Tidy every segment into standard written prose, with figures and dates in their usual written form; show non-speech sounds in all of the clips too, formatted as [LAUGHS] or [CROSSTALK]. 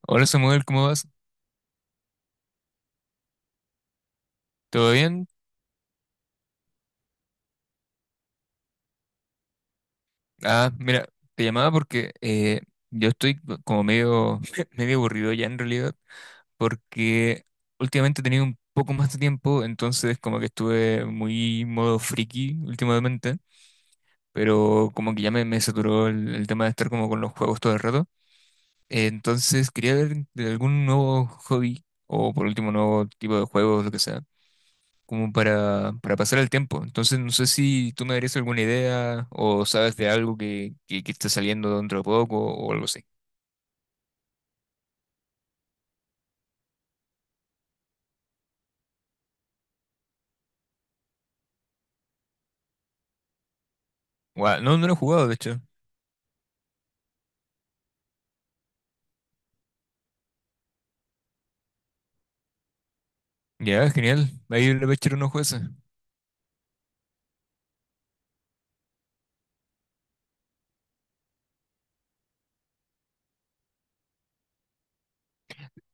Hola Samuel, ¿cómo vas? ¿Todo bien? Ah, mira, te llamaba porque yo estoy como medio, [LAUGHS] medio aburrido ya en realidad, porque últimamente he tenido un poco más de tiempo, entonces como que estuve muy modo friki últimamente, pero como que ya me saturó el tema de estar como con los juegos todo el rato. Entonces quería ver de algún nuevo hobby o por último nuevo tipo de juegos, lo que sea. Como para pasar el tiempo. Entonces, no sé si tú me darías alguna idea o sabes de algo que está saliendo dentro de poco o algo así. Guau, no lo he jugado, de hecho. Ya, genial. Ahí le voy a echar un ojo.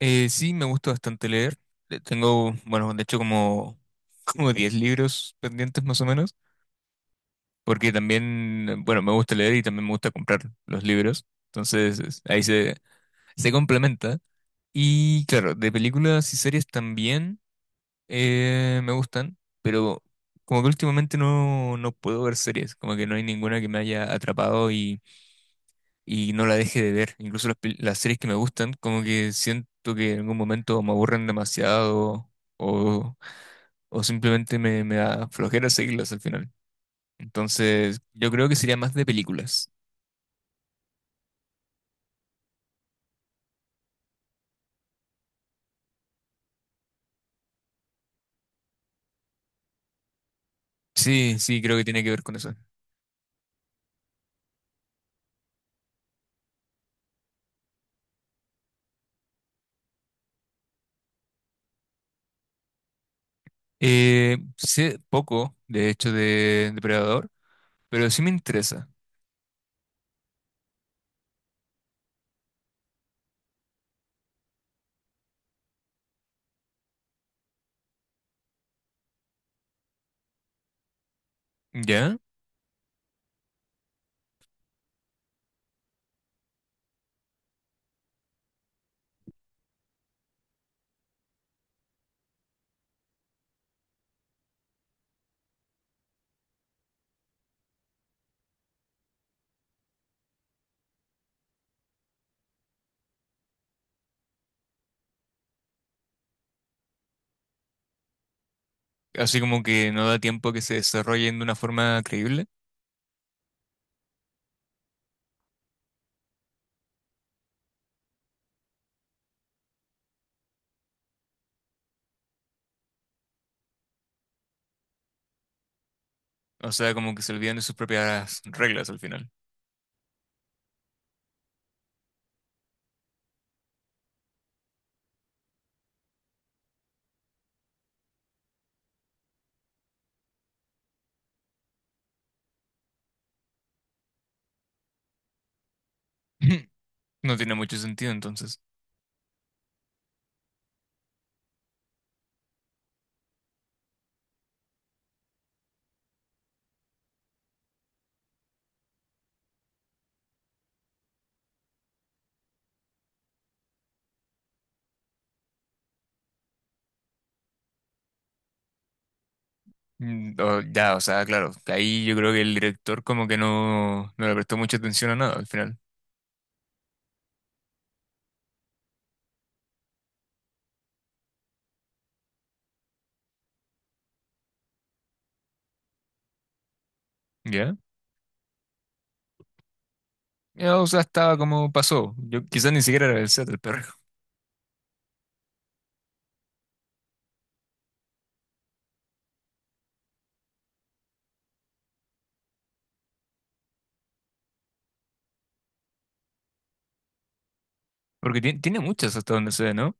Sí, me gusta bastante leer. Tengo, bueno, de hecho como, [LAUGHS] como 10 libros pendientes más o menos, porque también, bueno, me gusta leer y también me gusta comprar los libros. Entonces, ahí se, se complementa. Y claro, de películas y series también. Me gustan, pero como que últimamente no puedo ver series, como que no hay ninguna que me haya atrapado y no la deje de ver. Incluso las series que me gustan, como que siento que en algún momento me aburren demasiado o, o simplemente me da flojera seguirlas al final. Entonces, yo creo que sería más de películas. Sí, sí, creo que tiene que ver con eso. Sé poco, de hecho, de Depredador, pero sí me interesa. ¿Ya? Así como que no da tiempo a que se desarrollen de una forma creíble. O sea, como que se olvidan de sus propias reglas al final. [LAUGHS] [CLEARS THROAT] No tiene mucho sentido entonces. Mm, ya, o sea, claro, ahí yo creo que el director como que no le prestó mucha atención a nada al final. ¿Ya? Ya, o sea, estaba como pasó. Yo quizás ni siquiera era el set del perro. Porque tiene muchas hasta donde se ve, ¿no?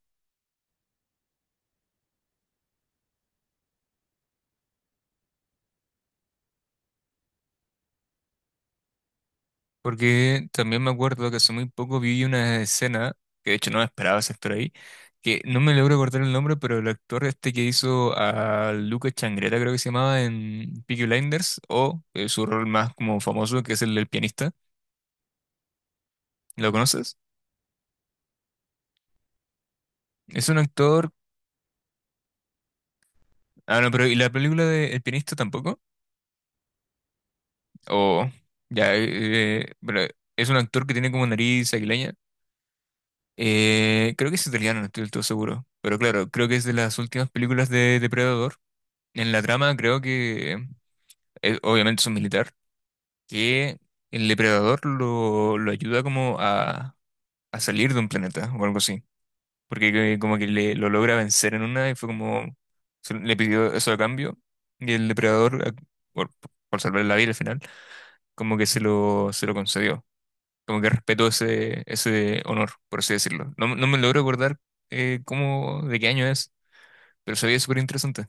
Porque también me acuerdo que hace muy poco vi una escena, que de hecho no me esperaba ese actor ahí, que no me logro acordar el nombre, pero el actor este que hizo a Lucas Changreta, creo que se llamaba en Peaky Blinders, o su rol más como famoso, que es el del pianista. ¿Lo conoces? Es un actor. Ah, no, pero ¿y la película de El pianista tampoco? O. Ya, pero es un actor que tiene como nariz aguileña. Creo que es italiano, no estoy del todo seguro. Pero claro, creo que es de las últimas películas de Depredador. En la trama creo que obviamente es un militar, que el depredador lo ayuda como a salir de un planeta o algo así, porque como que lo logra vencer en una y fue como, le pidió eso a cambio y el depredador, por, por salvar la vida al final, como que se lo concedió, como que respetó ese honor, por así decirlo. No, no me logro acordar de qué año es, pero sabía súper interesante.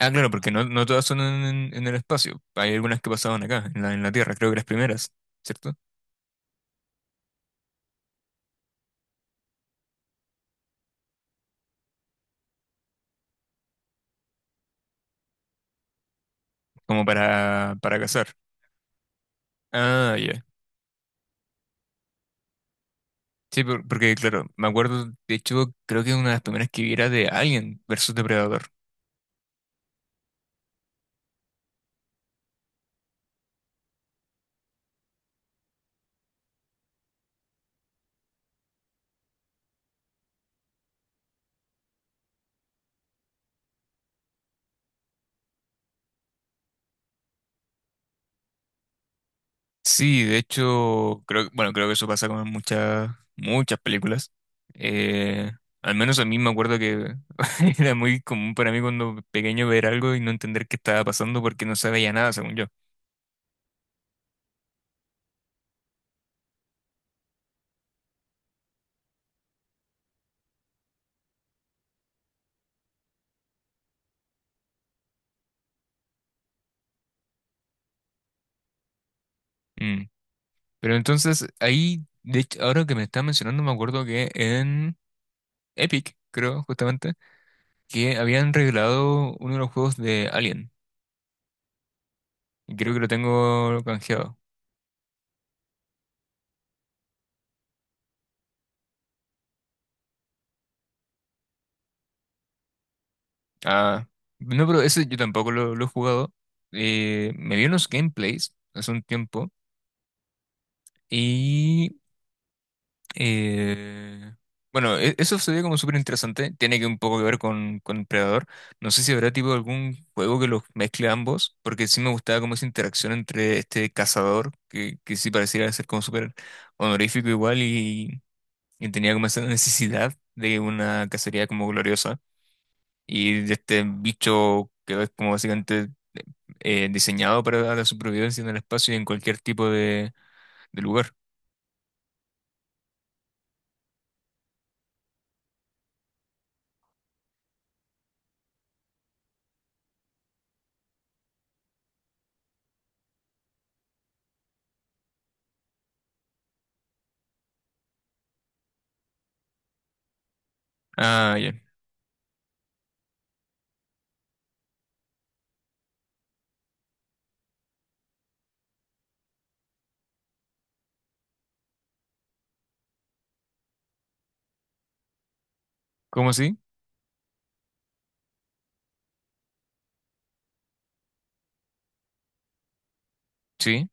Ah, claro, porque no todas son en el espacio. Hay algunas que pasaban acá, en en la Tierra, creo que las primeras, ¿cierto? Como para cazar. Ah, ya. Sí, porque claro, me acuerdo, de hecho, creo que una de las primeras que vi era de Alien versus Depredador. Sí, de hecho, creo, bueno, creo que eso pasa con muchas películas. Eh, Al menos a mí me acuerdo que [LAUGHS] era muy común para mí cuando pequeño ver algo y no entender qué estaba pasando porque no sabía nada, según yo. Mm. Pero entonces ahí, de hecho, ahora que me estás mencionando, me acuerdo que en Epic, creo, justamente, que habían regalado uno de los juegos de Alien. Y creo que lo tengo canjeado. Ah, no, pero ese yo tampoco lo he jugado. Me vi unos gameplays hace un tiempo. Y Eh, bueno, eso sería como súper interesante. Tiene que un poco que ver con Predador. No sé si habrá tipo algún juego que los mezcle ambos, porque sí me gustaba como esa interacción entre este cazador, que sí pareciera ser como súper honorífico igual y tenía como esa necesidad de una cacería como gloriosa. Y de este bicho que es como básicamente diseñado para la supervivencia en el espacio y en cualquier tipo de lugar. Ah, ya. ¿Cómo así? Sí.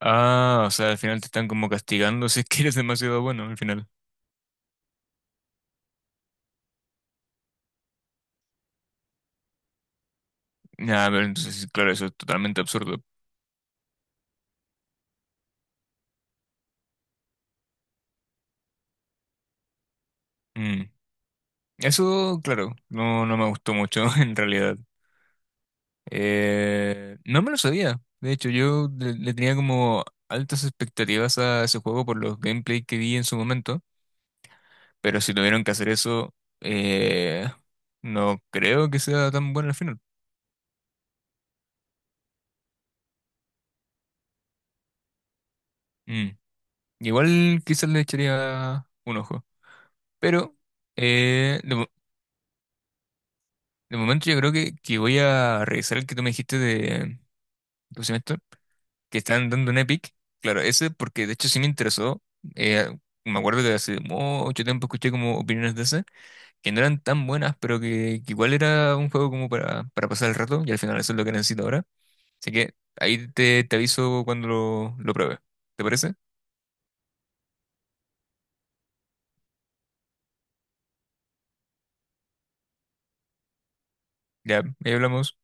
Ah, o sea, al final te están como castigando [LAUGHS] si es que eres demasiado bueno al final. Ya, pero entonces, sí, claro, eso es totalmente absurdo. Mm. Eso, claro, no me gustó mucho [LAUGHS] en realidad. No me lo sabía. De hecho, yo le tenía como altas expectativas a ese juego por los gameplay que vi en su momento. Pero si tuvieron que hacer eso, eh, no creo que sea tan bueno al final. Mm. Igual quizás le echaría un ojo. Pero... Eh, de De momento yo creo que voy a revisar el que tú me dijiste de, ¿cómo se llama esto? Que están dando en Epic. Claro, ese porque de hecho sí me interesó. Eh, Me acuerdo que hace mucho tiempo escuché como opiniones de ese, que no eran tan buenas, pero que igual era un juego como para pasar el rato y al final eso es lo que necesito ahora. Así que ahí te, te aviso cuando lo pruebe. ¿Te parece? Ya, ahí hablamos.